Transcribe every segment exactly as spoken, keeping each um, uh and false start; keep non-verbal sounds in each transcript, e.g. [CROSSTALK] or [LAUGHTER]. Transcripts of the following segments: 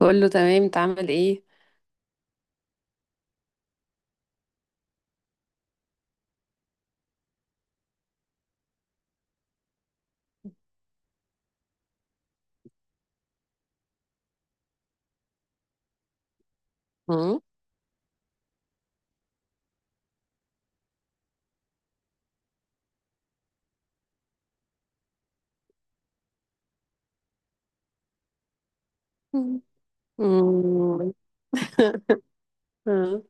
بقول له تمام، انت عامل ايه؟ مم. مم. مم. [LAUGHS] آه.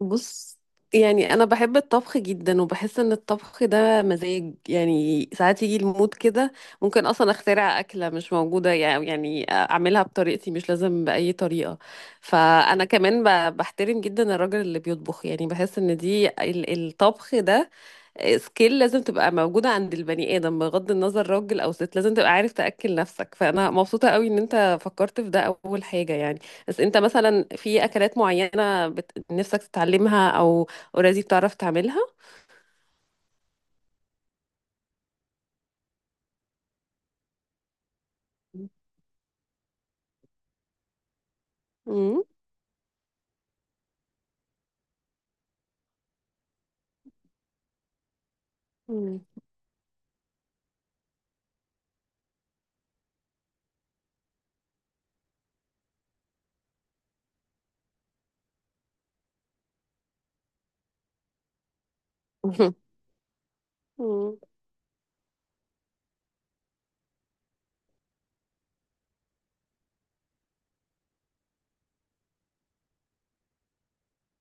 بص، يعني انا بحب الطبخ جدا وبحس ان الطبخ ده مزاج. يعني ساعات يجي المود كده ممكن اصلا اخترع اكله مش موجوده. يعني يعني اعملها بطريقتي مش لازم باي طريقه. فانا كمان ب- بحترم جدا الراجل اللي بيطبخ. يعني بحس ان دي ال- الطبخ ده سكيل لازم تبقى موجودة عند البني آدم، بغض النظر راجل أو ست لازم تبقى عارف تأكل نفسك. فأنا مبسوطة قوي إن أنت فكرت في ده أول حاجة. يعني بس أنت مثلا في أكلات معينة بت... نفسك تتعلمها أو أوريدي بتعرف تعملها؟ مم. مم. [LAUGHS] مم.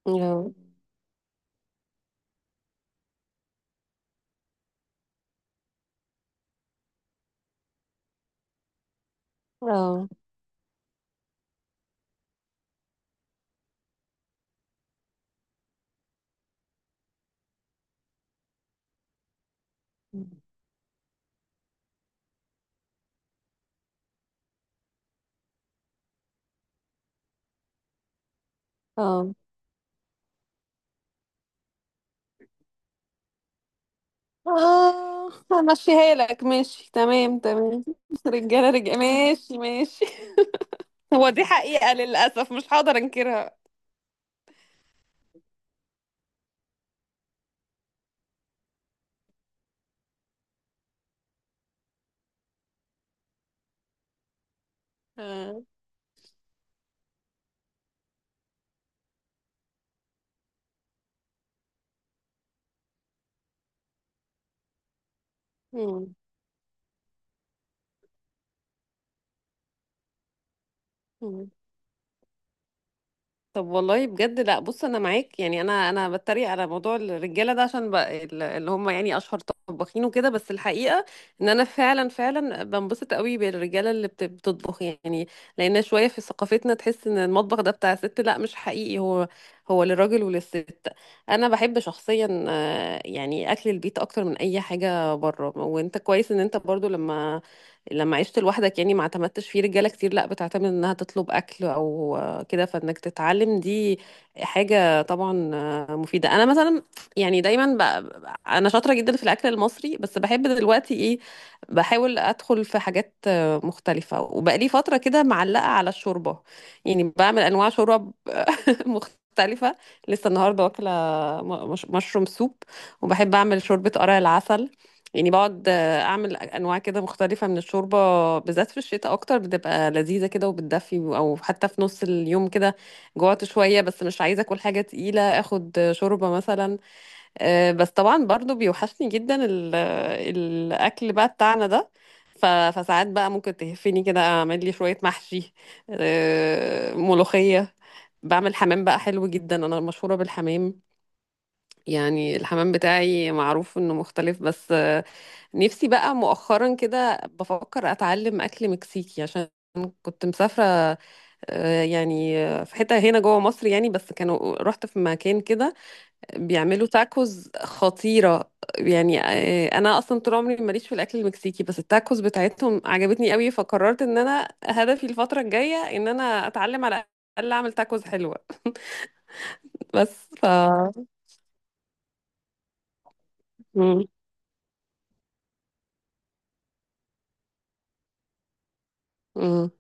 اه اه اه آه، همشيها لك. ماشي، تمام تمام. [LAUGHS] رجالة رجالة، ماشي ماشي. [LAUGHS] هو دي حقيقة، للأسف مش هقدر أنكرها. آه. مم. مم. طب والله بجد لا. بص، انا معاك. يعني انا انا بتريق على موضوع الرجاله ده، عشان بقى ال- اللي هم يعني اشهر طباخين وكده. بس الحقيقه ان انا فعلا فعلا بنبسط قوي بالرجاله اللي بت- بتطبخ. يعني لان شويه في ثقافتنا تحس ان المطبخ ده بتاع ست. لا، مش حقيقي، هو هو للراجل وللست. انا بحب شخصيا آه، يعني اكل البيت اكتر من اي حاجه بره. وانت كويس ان انت برضو لما لما عشت لوحدك يعني ما اعتمدتش في رجاله كتير، لا بتعتمد انها تطلب اكل او كده، فانك تتعلم دي حاجه طبعا مفيده. انا مثلا يعني دايما ب... انا شاطره جدا في الاكل المصري. بس بحب دلوقتي ايه، بحاول ادخل في حاجات مختلفه. وبقالي فتره كده معلقه على الشوربه. يعني بعمل انواع شوربه [LAUGHS] مختلفة. لسه النهاردة واكلة م- مش- مشروم سوب. وبحب أعمل شوربة قرع العسل. يعني بقعد آه، أعمل أنواع كده مختلفة من الشوربة، بالذات في الشتاء أكتر بتبقى لذيذة كده وبتدفي. أو حتى في نص اليوم كده جوعت شوية بس مش عايزة أكل حاجة تقيلة، آخد شوربة مثلا. آه، بس طبعا برضو بيوحشني جدا ال- الأكل بقى بتاعنا ده. ف- فساعات بقى ممكن تهفني كده أعمل لي شوية محشي، آه، ملوخية. بعمل حمام بقى حلو جدا، انا مشهورة بالحمام. يعني الحمام بتاعي معروف انه مختلف. بس آه، نفسي بقى مؤخرا كده بفكر اتعلم اكل مكسيكي، عشان كنت مسافرة. آه، يعني آه، في حتة هنا جوه مصر يعني، بس كانوا رحت في مكان كده بيعملوا تاكوز خطيرة. يعني آه، انا اصلا طول عمري ماليش في الاكل المكسيكي، بس التاكوز بتاعتهم عجبتني قوي. فقررت ان انا هدفي الفترة الجاية ان انا اتعلم على الاقل اعمل تاكوز حلوة. بس ف مم. مم.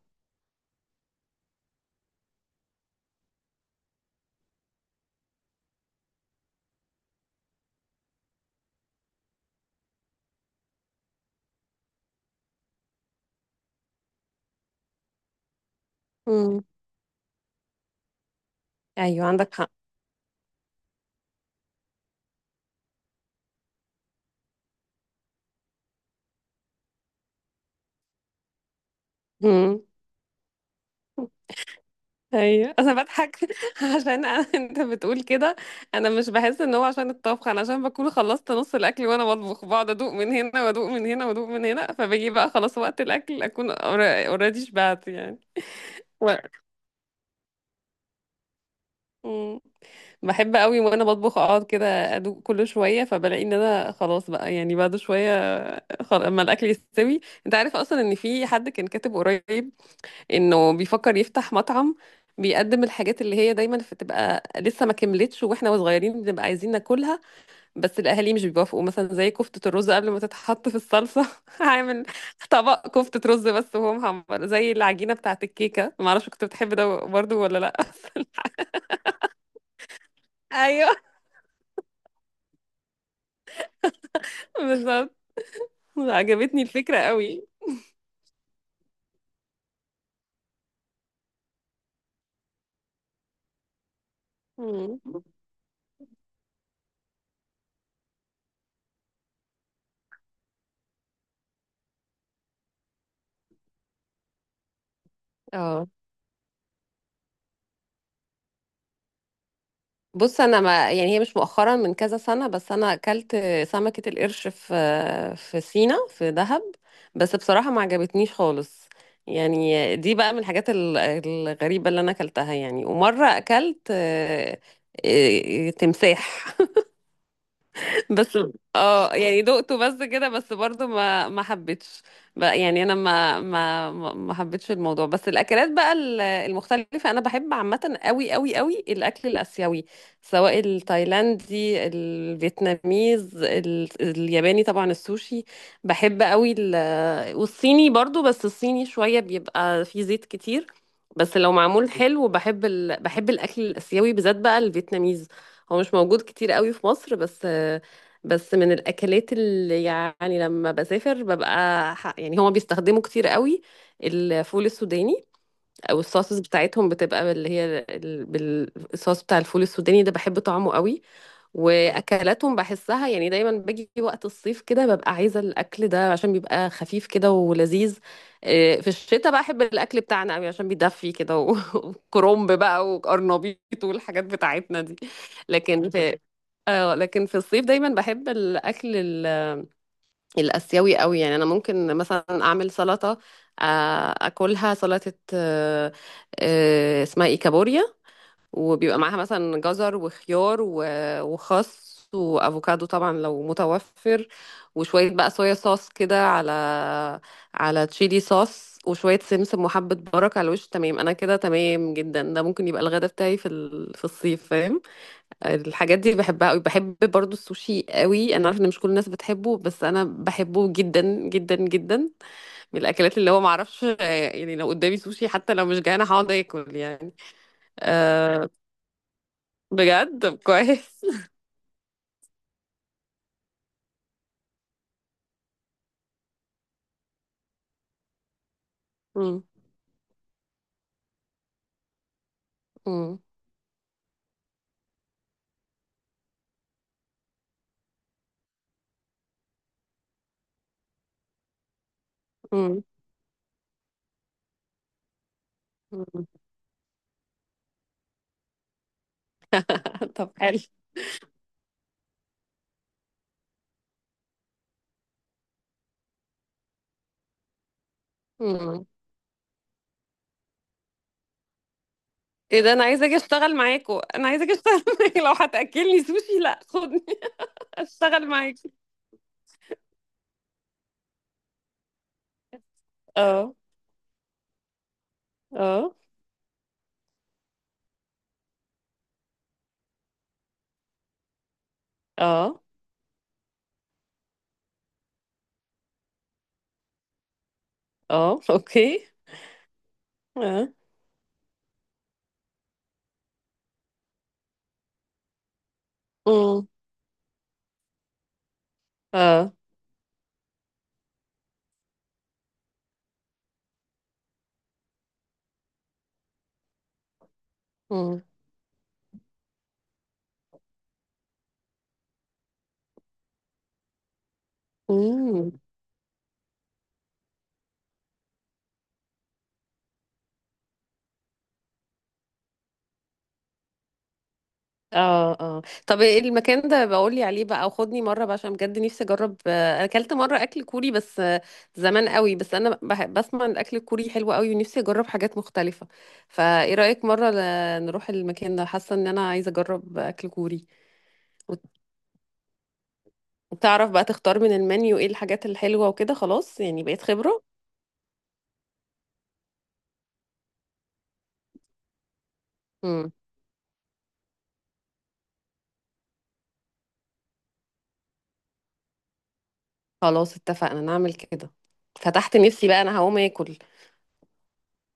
مم. ايوه عندك حق. مم. ايوه انا بضحك [LAUGHS] عشان أنا انت بتقول كده. انا مش بحس ان هو عشان الطبخ، انا عشان بكون خلصت نص الاكل وانا بطبخ، بقعد ادوق من هنا وادوق من هنا وادوق من هنا. فبيجي بقى خلاص وقت الاكل اكون اوريدي شبعت يعني. و... مم. بحب قوي وانا بطبخ اقعد كده ادوق كل شويه، فبلاقي ان انا خلاص بقى يعني بعد شويه خل... اما الاكل يستوي. انت عارف اصلا ان في حد كان كاتب قريب انه بيفكر يفتح مطعم بيقدم الحاجات اللي هي دايما بتبقى لسه ما كملتش واحنا صغيرين بنبقى عايزين ناكلها، بس الاهالي مش بيوافقوا. مثلا زي كفتة الرز قبل ما تتحط في الصلصة. [LAUGHS] هعمل طبق كفتة رز بس وهو محمر زي العجينة بتاعة الكيكة. ما اعرفش كنت بتحب ده برضو ولا لا؟ [LAUGHS] ايوه بالظبط. عجبتني الفكرة قوي. مم. اه. بص انا ما يعني هي مش مؤخرا، من كذا سنه، بس انا اكلت سمكه القرش في في سينا في دهب. بس بصراحه ما عجبتنيش خالص. يعني دي بقى من الحاجات ال- الغريبه اللي انا اكلتها. يعني ومره اكلت آه، آه، تمساح بس. اه يعني دقته بس كده، بس برضو ما ما حبيتش بقى. يعني انا ما ما ما ما حبيتش الموضوع. بس الاكلات بقى ال- المختلفه، انا بحب عامه قوي قوي قوي الاكل الاسيوي، سواء التايلاندي، الفيتناميز، ال- الياباني، طبعا السوشي بحب قوي ال- والصيني برضو. بس الصيني شويه بيبقى فيه زيت كتير، بس لو معمول حلو بحب ال... بحب الاكل الاسيوي، بالذات بقى الفيتناميز. هو مش موجود كتير قوي في مصر، بس بس من الاكلات اللي يعني لما بسافر ببقى ح- يعني هما بيستخدموا كتير قوي الفول السوداني. او الصوصز بتاعتهم بتبقى اللي هي ال- بال- الصوص بتاع الفول السوداني ده، بحب طعمه قوي. واكلاتهم بحسها يعني دايما باجي وقت الصيف كده ببقى عايزه الاكل ده عشان بيبقى خفيف كده ولذيذ. إيه، في الشتاء بقى احب الاكل بتاعنا قوي عشان بيدفي كده و- [LAUGHS] وكرنب بقى وقرنبيط والحاجات بتاعتنا دي. لكن في اه لكن في الصيف دايما بحب الاكل ال- الاسيوي قوي. يعني انا ممكن مثلا اعمل سلطه، آه، اكلها سلطه. آه، آه، اسمها ايه، كابوريا. وبيبقى معاها مثلا جزر وخيار و- وخس وافوكادو، طبعا لو متوفر. وشويه بقى صويا صوص كده على على تشيلي صوص وشويه سمسم وحبه بركه على الوش. تمام، انا كده تمام جدا. ده ممكن يبقى الغدا بتاعي في ال- في الصيف، فاهم. الحاجات دي بحبها قوي. بحب برضو السوشي قوي، انا عارفه ان مش كل الناس بتحبه، بس انا بحبه جدا جدا جدا. من الاكلات اللي هو معرفش. آه، يعني لو قدامي سوشي حتى لو مش جعانه هقعد اكل يعني. أه بجد. طب كويس. [LAUGHS] مم، مم، مم، مم. طب حلو. مم. ايه ده، انا عايزه اجي اشتغل معاكو، انا عايزه اجي اشتغل [LAUGHS] معاكو. لو هتاكلني سوشي لا، خدني. [LAUGHS] اشتغل معاكو. اه اه اه اه اوكي. اه. مم، اه. مم. امم. اه اه طب ايه المكان ده، بقولي عليه بقى او خدني مره بقى، عشان بجد نفسي اجرب. آه، انا اكلت مره اكل كوري بس آه، زمان قوي. بس انا بح- بسمع ان الاكل الكوري حلو قوي ونفسي اجرب حاجات مختلفه. فايه رايك مره ل- نروح المكان ده؟ حاسه ان انا عايزه اجرب اكل كوري. وت- وتعرف بقى تختار من المنيو ايه الحاجات الحلوه وكده، خلاص يعني بقيت خبره. امم. خلاص اتفقنا نعمل كده. فتحت نفسي بقى، انا هقوم اكل.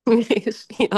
[LAUGHS] ماشي.